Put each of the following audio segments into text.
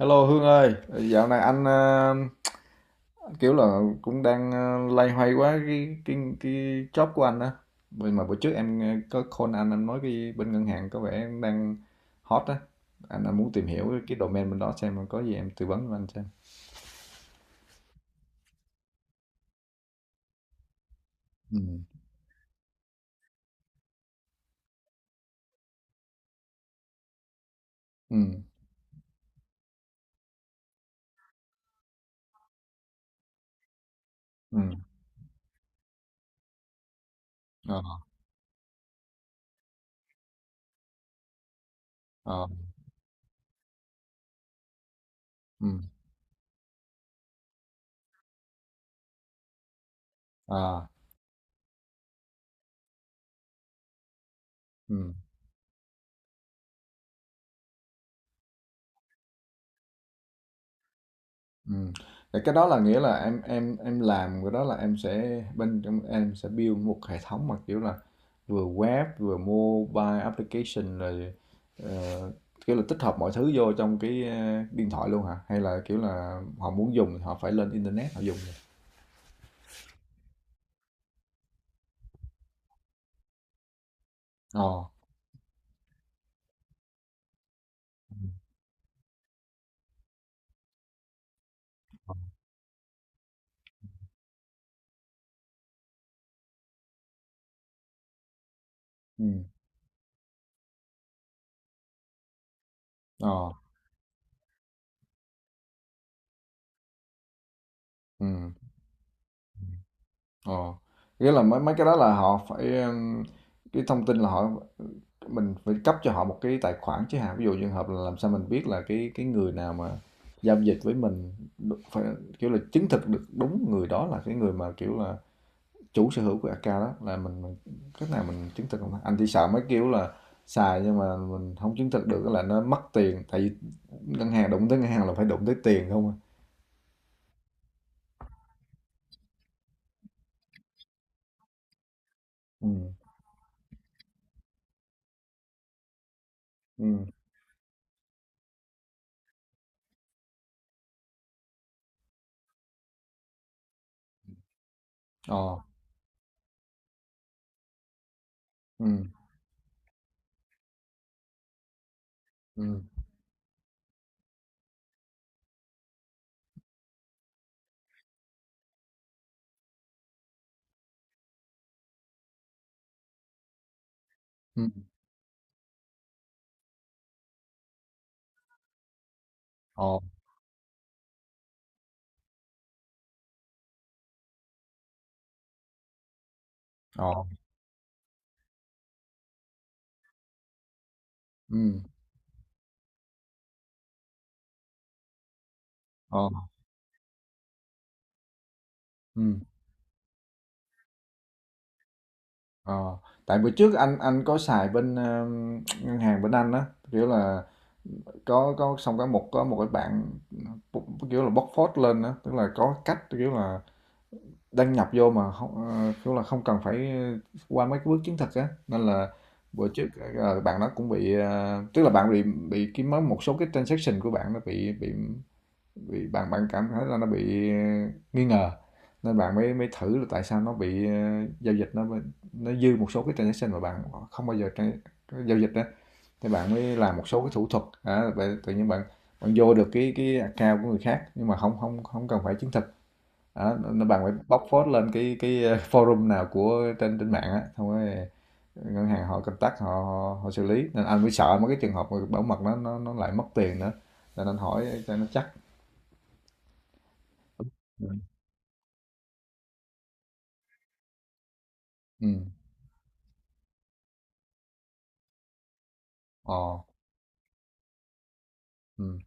Hello Hương ơi, dạo này anh kiểu là cũng đang loay hoay quá cái job của anh á. Vì mà bữa trước em có call anh nói cái bên ngân hàng có vẻ đang hot á. Anh muốn tìm hiểu cái domain bên đó xem có gì em tư vấn cho anh xem. Ừ. Ừ. Ừ. Ờ. Ờ. Ừ. À. Ừ. Ừm, thì cái đó là, nghĩa là em làm cái đó là em sẽ, bên trong em sẽ build một hệ thống mà, kiểu là, vừa web, vừa mobile application rồi, ờ, kiểu là tích hợp mọi thứ vô trong cái, điện thoại luôn hả? Hay là, kiểu là, họ muốn dùng thì họ phải lên internet họ dùng? Ờ. Ừm. Ờ. Ừm. Ồ, nghĩa là mấy, cái đó là họ phải, cái thông tin là, mình phải cấp cho họ một cái tài khoản chứ hả? Ví dụ trường hợp là làm sao mình biết là cái người nào mà giao dịch với mình, phải kiểu là chứng thực được đúng người đó là cái người mà, kiểu là, chủ sở hữu của account đó là mình cách nào mình chứng thực không ta? Anh thì sợ mấy kiểu là xài nhưng mà mình không chứng thực được là nó mất tiền, tại vì ngân hàng, đụng tới ngân hàng là phải đụng tới tiền không à. Ừ. Ừ. Ờ. Ừ. Ừ. Ừ. Ờ. Ờ. Ừ. Ờ, ừm, ờ, tại bữa trước anh có xài bên, ngân hàng bên Anh á, kiểu là có, xong có một, cái bạn kiểu là bóc phốt lên á, tức là có cách kiểu là đăng nhập vô mà không, kiểu là không cần phải qua mấy cái bước chứng thực á, nên là bữa trước, bạn đó cũng bị, tức là bạn bị, cái mấy, một số cái transaction của bạn nó bị, bạn, cảm thấy là nó bị, nghi ngờ, nên bạn mới, thử là tại sao nó bị, giao dịch nó, dư một số cái transaction mà bạn không bao giờ giao dịch á, thì bạn mới làm một số cái thủ thuật á, bạn tự nhiên bạn, vô được cái account của người khác nhưng mà không, không không cần phải chứng thực. Đó, nên bạn phải bóc phốt lên cái, forum nào của, trên, mạng á, xong rồi, ngân hàng họ contact, họ họ họ xử lý, nên anh mới sợ mấy cái trường hợp bảo mật nó, lại mất tiền nữa, nên anh hỏi cho nó chắc. Ừm. Ờ. Ừm.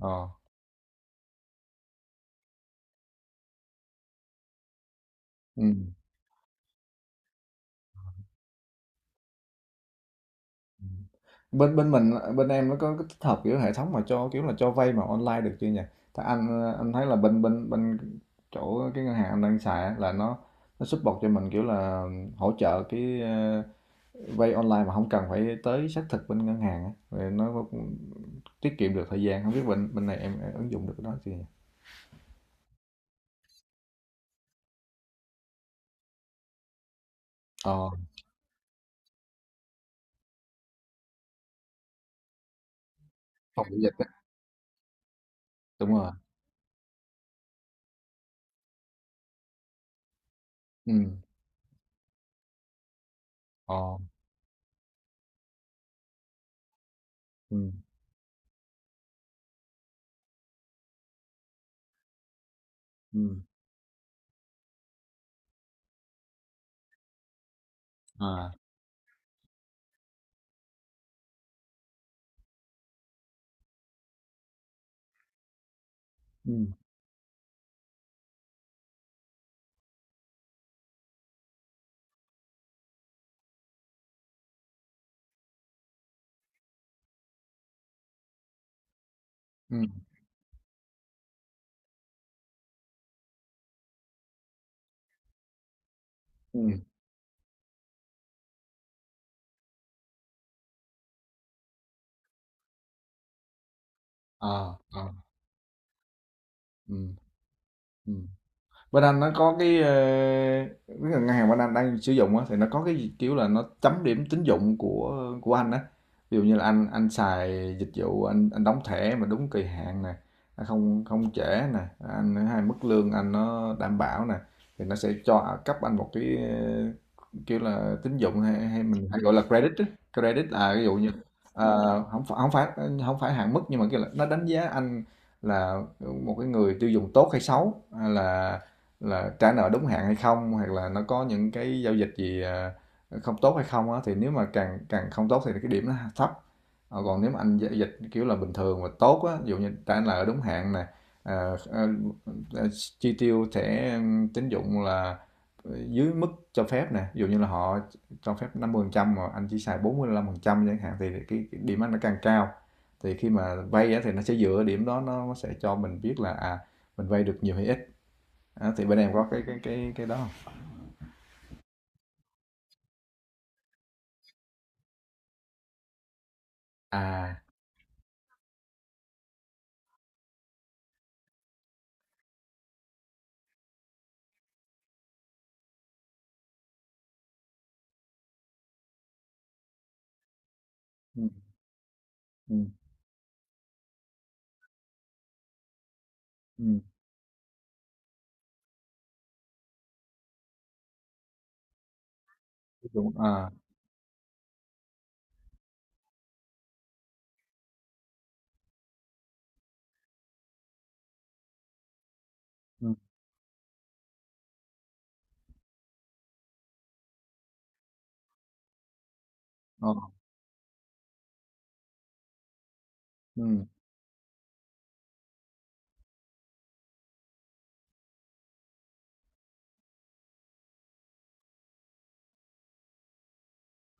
Ờ. Ừm. Ừm. Bên bên mình, bên em nó có cái tích hợp, kiểu, hệ thống mà cho, kiểu là, cho vay mà online được chưa nhỉ? Thì anh, anh thấy là, bên bên bên chỗ cái ngân hàng anh đang xài á, là nó, support cho mình, kiểu là hỗ trợ cái, vay online mà không cần phải tới xác thực bên ngân hàng á, rồi nó cũng tiết kiệm được thời gian. Không biết bên bên này em ứng dụng được cái đó chưa nhỉ? Ờ, phòng giao dịch á. Đúng rồi. Ừm. Ờ. Ừm. Ừm. À. Ừm. Ừm. Ừm. À. À. Ừm. ừm Bên anh nó có cái, ngân hàng bên anh đang sử dụng á, thì nó có cái kiểu là nó chấm điểm tín dụng của anh á. Ví dụ như là anh, xài dịch vụ, anh, đóng thẻ mà đúng kỳ hạn nè, nó không không trễ nè, anh hay mức lương anh nó đảm bảo nè, thì nó sẽ cho cấp anh một cái, kiểu là tín dụng, hay hay mình hay gọi là credit á. Credit là ví dụ như, không phải, không phải hạn mức, nhưng mà kiểu là nó đánh giá anh là một cái người tiêu dùng tốt hay xấu, hay là trả nợ đúng hạn hay không, hoặc là nó có những cái giao dịch gì à, không tốt hay không á, thì nếu mà càng càng không tốt thì cái điểm nó thấp. Ờ, còn nếu mà anh giao dịch kiểu là bình thường và tốt á, ví dụ như trả nợ đúng hạn nè, à, à, à, chi tiêu thẻ tín dụng là dưới mức cho phép nè, ví dụ như là họ cho phép 50% mà anh chỉ xài 45% chẳng hạn, thì cái điểm anh nó càng cao, thì khi mà vay á, thì nó sẽ dựa điểm đó nó sẽ cho mình biết là à, mình vay được nhiều hay ít. À, thì bên em có cái đó không? À. Ừm. Ừm. Ừm. Đúng. À. Ừm. Ờ. Ừm.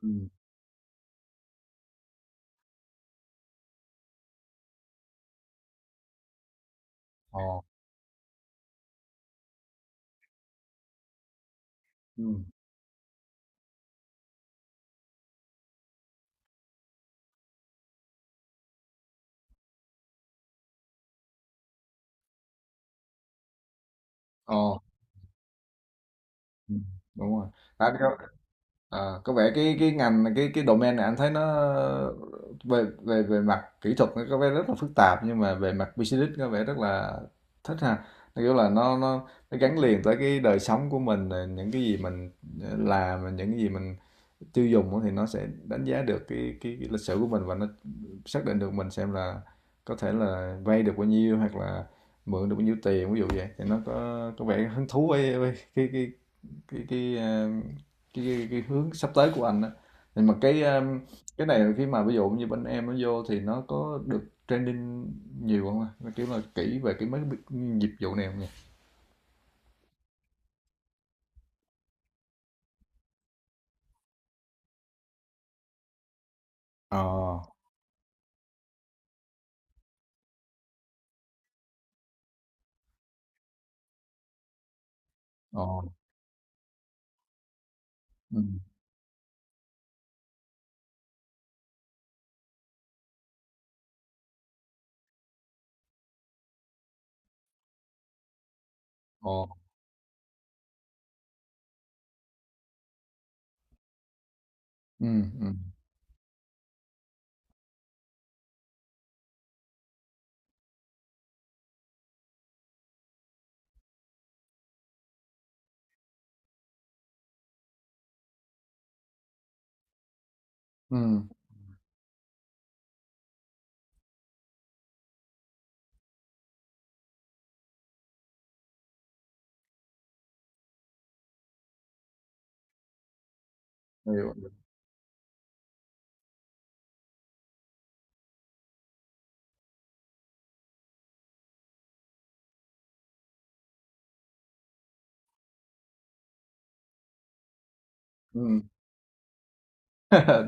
Ừm. Ờ. Ừm. Ờ. Ừm. Đúng rồi. À, có có vẻ cái, ngành, cái domain này anh thấy nó về, về mặt kỹ thuật nó có vẻ rất là phức tạp, nhưng mà về mặt business có vẻ rất là thích ha. Theo kiểu là nó gắn liền tới cái đời sống của mình, rồi những cái gì mình, làm, rồi những cái gì mình tiêu dùng á, thì nó sẽ đánh giá được cái lịch sử của mình, và nó xác định được mình, xem là có thể là vay được bao nhiêu hoặc là mượn được bao nhiêu tiền ví dụ vậy, thì nó có, vẻ hứng thú với, cái, ờ, cái hướng sắp tới của anh đó. Nhưng mà cái này khi mà ví dụ như bên em nó vô thì nó có được training nhiều không ạ? Nó kiểu là kỹ về cái mấy cái dịch vụ này không nhỉ? Ờ. Ờ. Ừ. Ờ. Ừ. Ừ. Ừ. Hiểu. Ừ.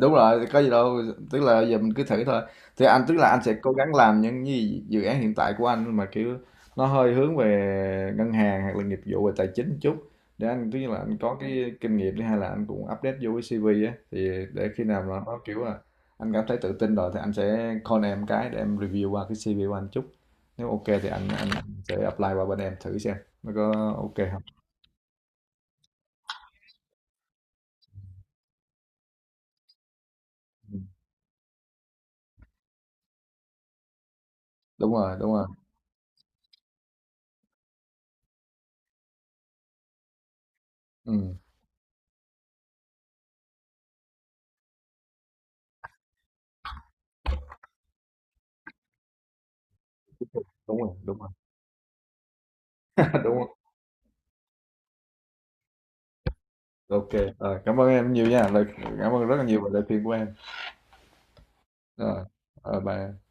Đúng rồi, có gì đâu, tức là giờ mình cứ thử thôi. Thì anh, tức là anh sẽ cố gắng làm những gì dự án hiện tại của anh mà kiểu nó hơi hướng về ngân hàng, hoặc là nghiệp vụ về tài chính một chút, để anh, tức là anh có cái kinh nghiệm đi, hay là anh cũng update vô cái CV á, thì để khi nào mà nó kiểu là anh cảm thấy tự tin rồi thì anh sẽ call em cái để em review qua cái CV của anh chút. Nếu ok thì anh, sẽ apply qua bên em thử xem nó có ok không. Ừ, đúng rồi, đúng rồi. Ừ, đúng rồi, đúng rồi. Đúng rồi. Ok. Rồi, cảm ơn em nhiều nha, lời cảm ơn rất là nhiều về lời khuyên của em. Rồi. Rồi, bye em.